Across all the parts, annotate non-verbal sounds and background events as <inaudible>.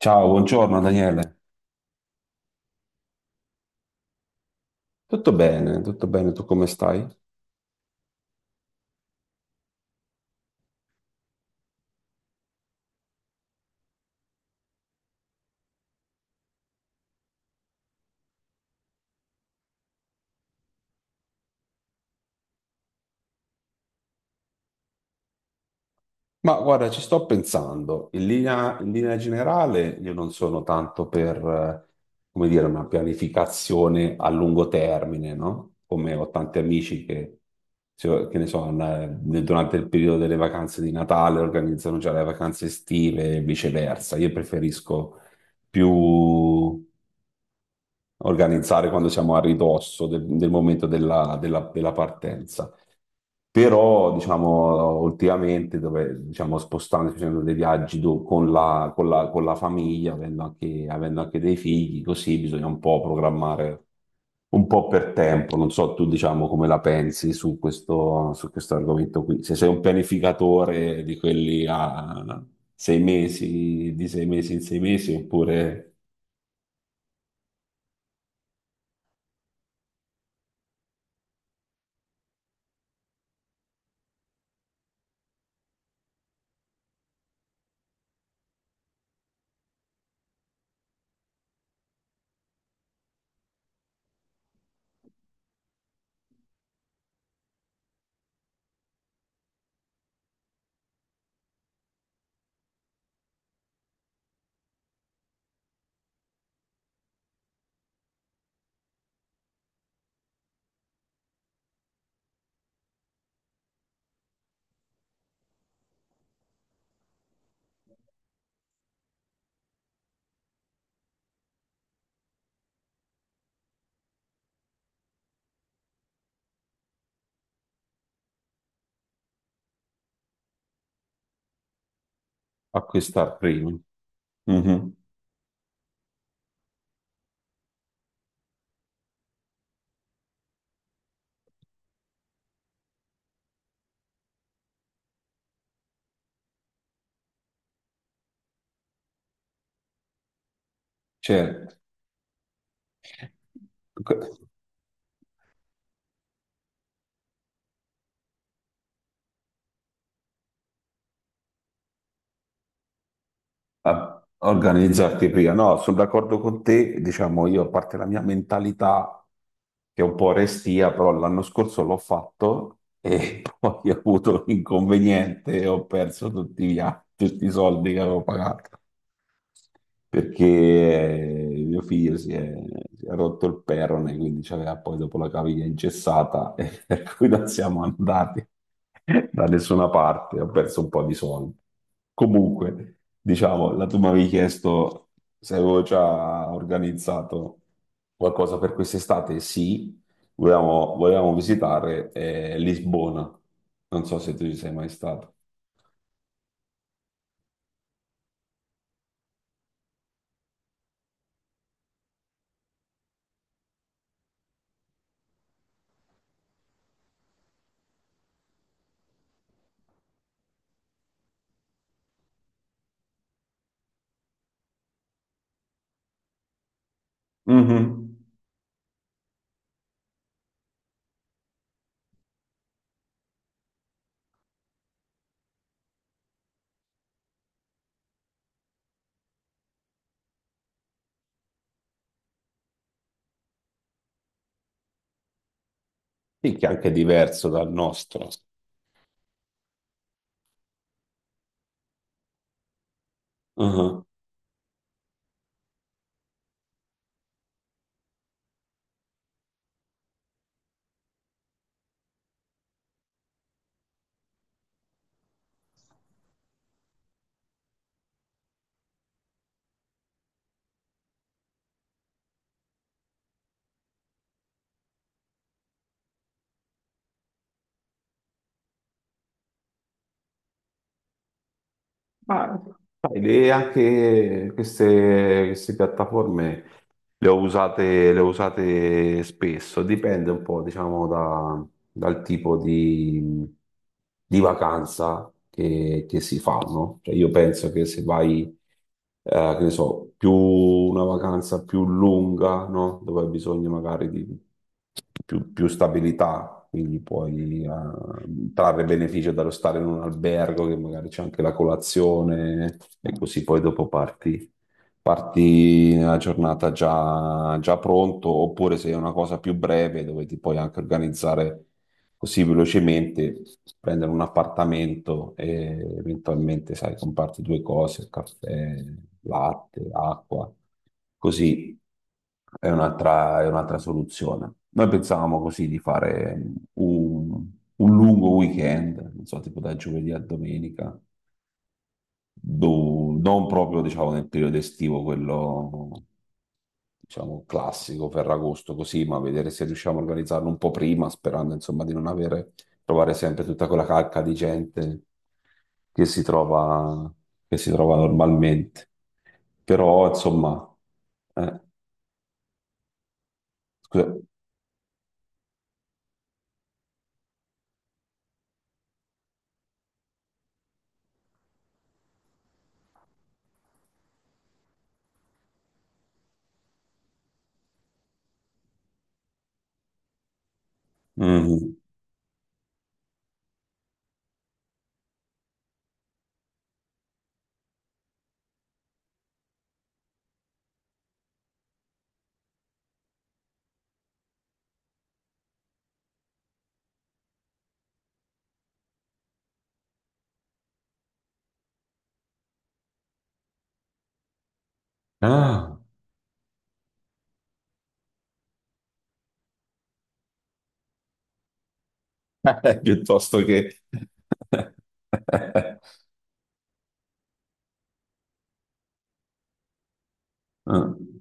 Ciao, buongiorno Daniele. Tutto bene, tu come stai? Ma guarda, ci sto pensando. In linea generale, io non sono tanto per, come dire, una pianificazione a lungo termine, no? Come ho tanti amici che, cioè, che ne so, durante il periodo delle vacanze di Natale organizzano già le vacanze estive e viceversa. Io preferisco più organizzare quando siamo a ridosso del momento della partenza. Però, diciamo, ultimamente, dove, diciamo, spostandosi, facendo dei viaggi con la famiglia, avendo anche dei figli, così bisogna un po' programmare un po' per tempo. Non so tu, diciamo, come la pensi su questo argomento qui. Se sei un pianificatore di quelli a 6 mesi, di 6 mesi in 6 mesi, oppure acquistar prima. Mhm. Certo. A organizzarti prima. No, sono d'accordo con te, diciamo io, a parte la mia mentalità che è un po' restia, però l'anno scorso l'ho fatto e <laughs> poi ho avuto l'inconveniente e ho perso tutti tutti i soldi che avevo pagato perché mio figlio si è rotto il perone, quindi c'aveva poi dopo la caviglia ingessata, <laughs> e per cui non siamo andati da nessuna parte, ho perso un po' di soldi. Comunque, diciamo, la tu mi avevi chiesto se avevo già organizzato qualcosa per quest'estate, sì, volevamo visitare Lisbona, non so se tu ci sei mai stato. Mhm. Sì, che è anche diverso dal nostro. Mhm. L'idea che queste piattaforme le ho usate spesso, dipende un po', diciamo, dal tipo di vacanza che si fa, no? Cioè, io penso che se vai, che ne so, più una vacanza più lunga, no? Dove hai bisogno magari di più stabilità, quindi puoi, trarre beneficio dallo stare in un albergo, che magari c'è anche la colazione, e così poi dopo parti nella giornata già pronto, oppure se è una cosa più breve dove ti puoi anche organizzare così velocemente, prendere un appartamento e eventualmente, sai, comparti due cose, caffè, latte, acqua, così è un'altra soluzione. Noi pensavamo così di fare un, un lungo weekend, non so, tipo da giovedì a domenica, non proprio diciamo nel periodo estivo, quello diciamo classico, Ferragosto così, ma vedere se riusciamo a organizzarlo un po' prima, sperando insomma di non avere, trovare sempre tutta quella calca di gente che si trova, che si trova normalmente. Però insomma, eh, scusa, mhm. Ah, <laughs> piuttosto che... <laughs> Mm.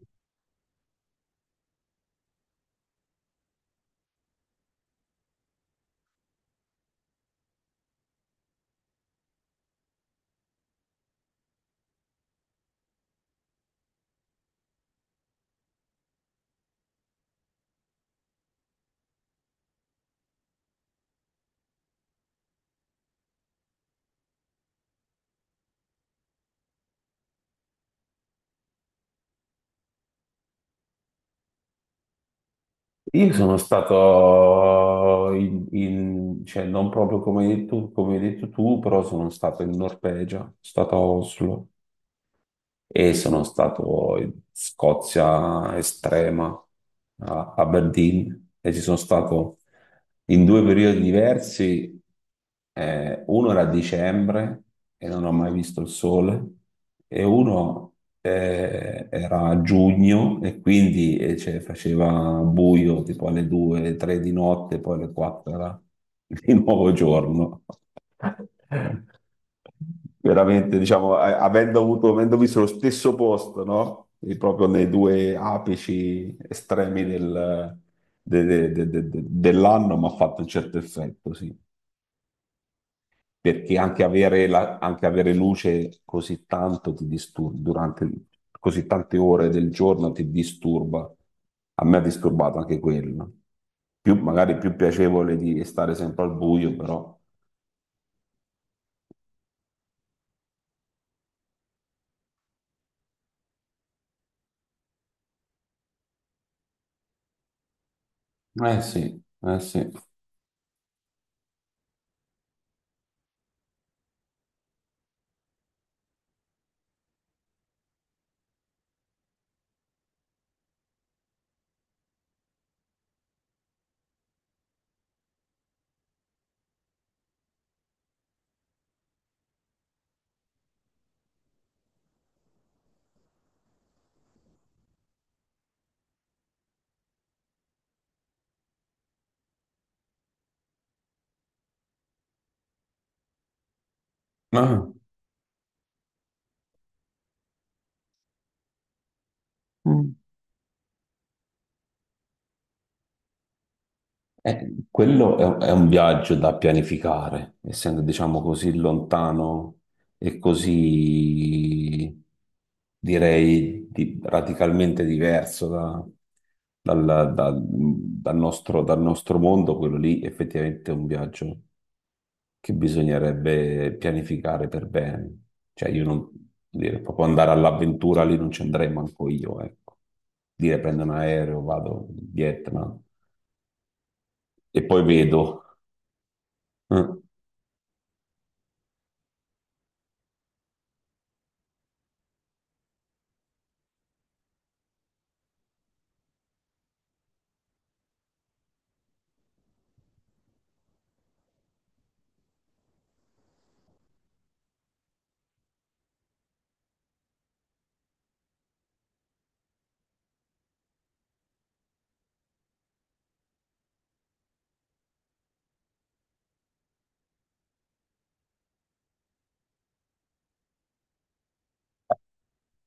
Io sono stato cioè non proprio come hai detto tu, però sono stato in Norvegia, sono stato a Oslo e sono stato in Scozia estrema, a Aberdeen, e ci sono stato in due periodi diversi. Uno era a dicembre e non ho mai visto il sole, e uno era a giugno e quindi cioè, faceva buio tipo alle 2, 3 di notte, poi alle 4 era di <laughs> nuovo giorno. Veramente, diciamo, avendo visto lo stesso posto, no? E proprio nei due apici estremi dell'anno, mi ha fatto un certo effetto, sì. Perché anche avere luce così tanto ti disturba, durante così tante ore del giorno ti disturba. A me ha disturbato anche quello. Magari più piacevole di stare sempre al buio, però. Eh sì, eh sì. Ah. Mm. Quello è un viaggio da pianificare, essendo, diciamo, così lontano e così, direi, radicalmente diverso dal nostro mondo, quello lì effettivamente è un viaggio che bisognerebbe pianificare per bene. Cioè, io non, dire, proprio andare all'avventura lì non ci andrei manco io, ecco. Dire prendo un aereo, vado in Vietnam e poi vedo. Eh,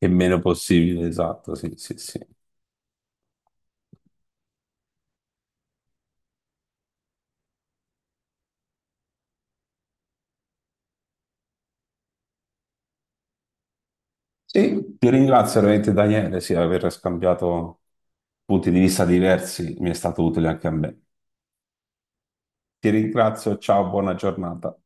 E meno possibile, esatto, sì, sì, sì. Sì, ti ringrazio veramente Daniele, sì, aver scambiato punti di vista diversi, mi è stato utile anche a me. Ti ringrazio, ciao, buona giornata.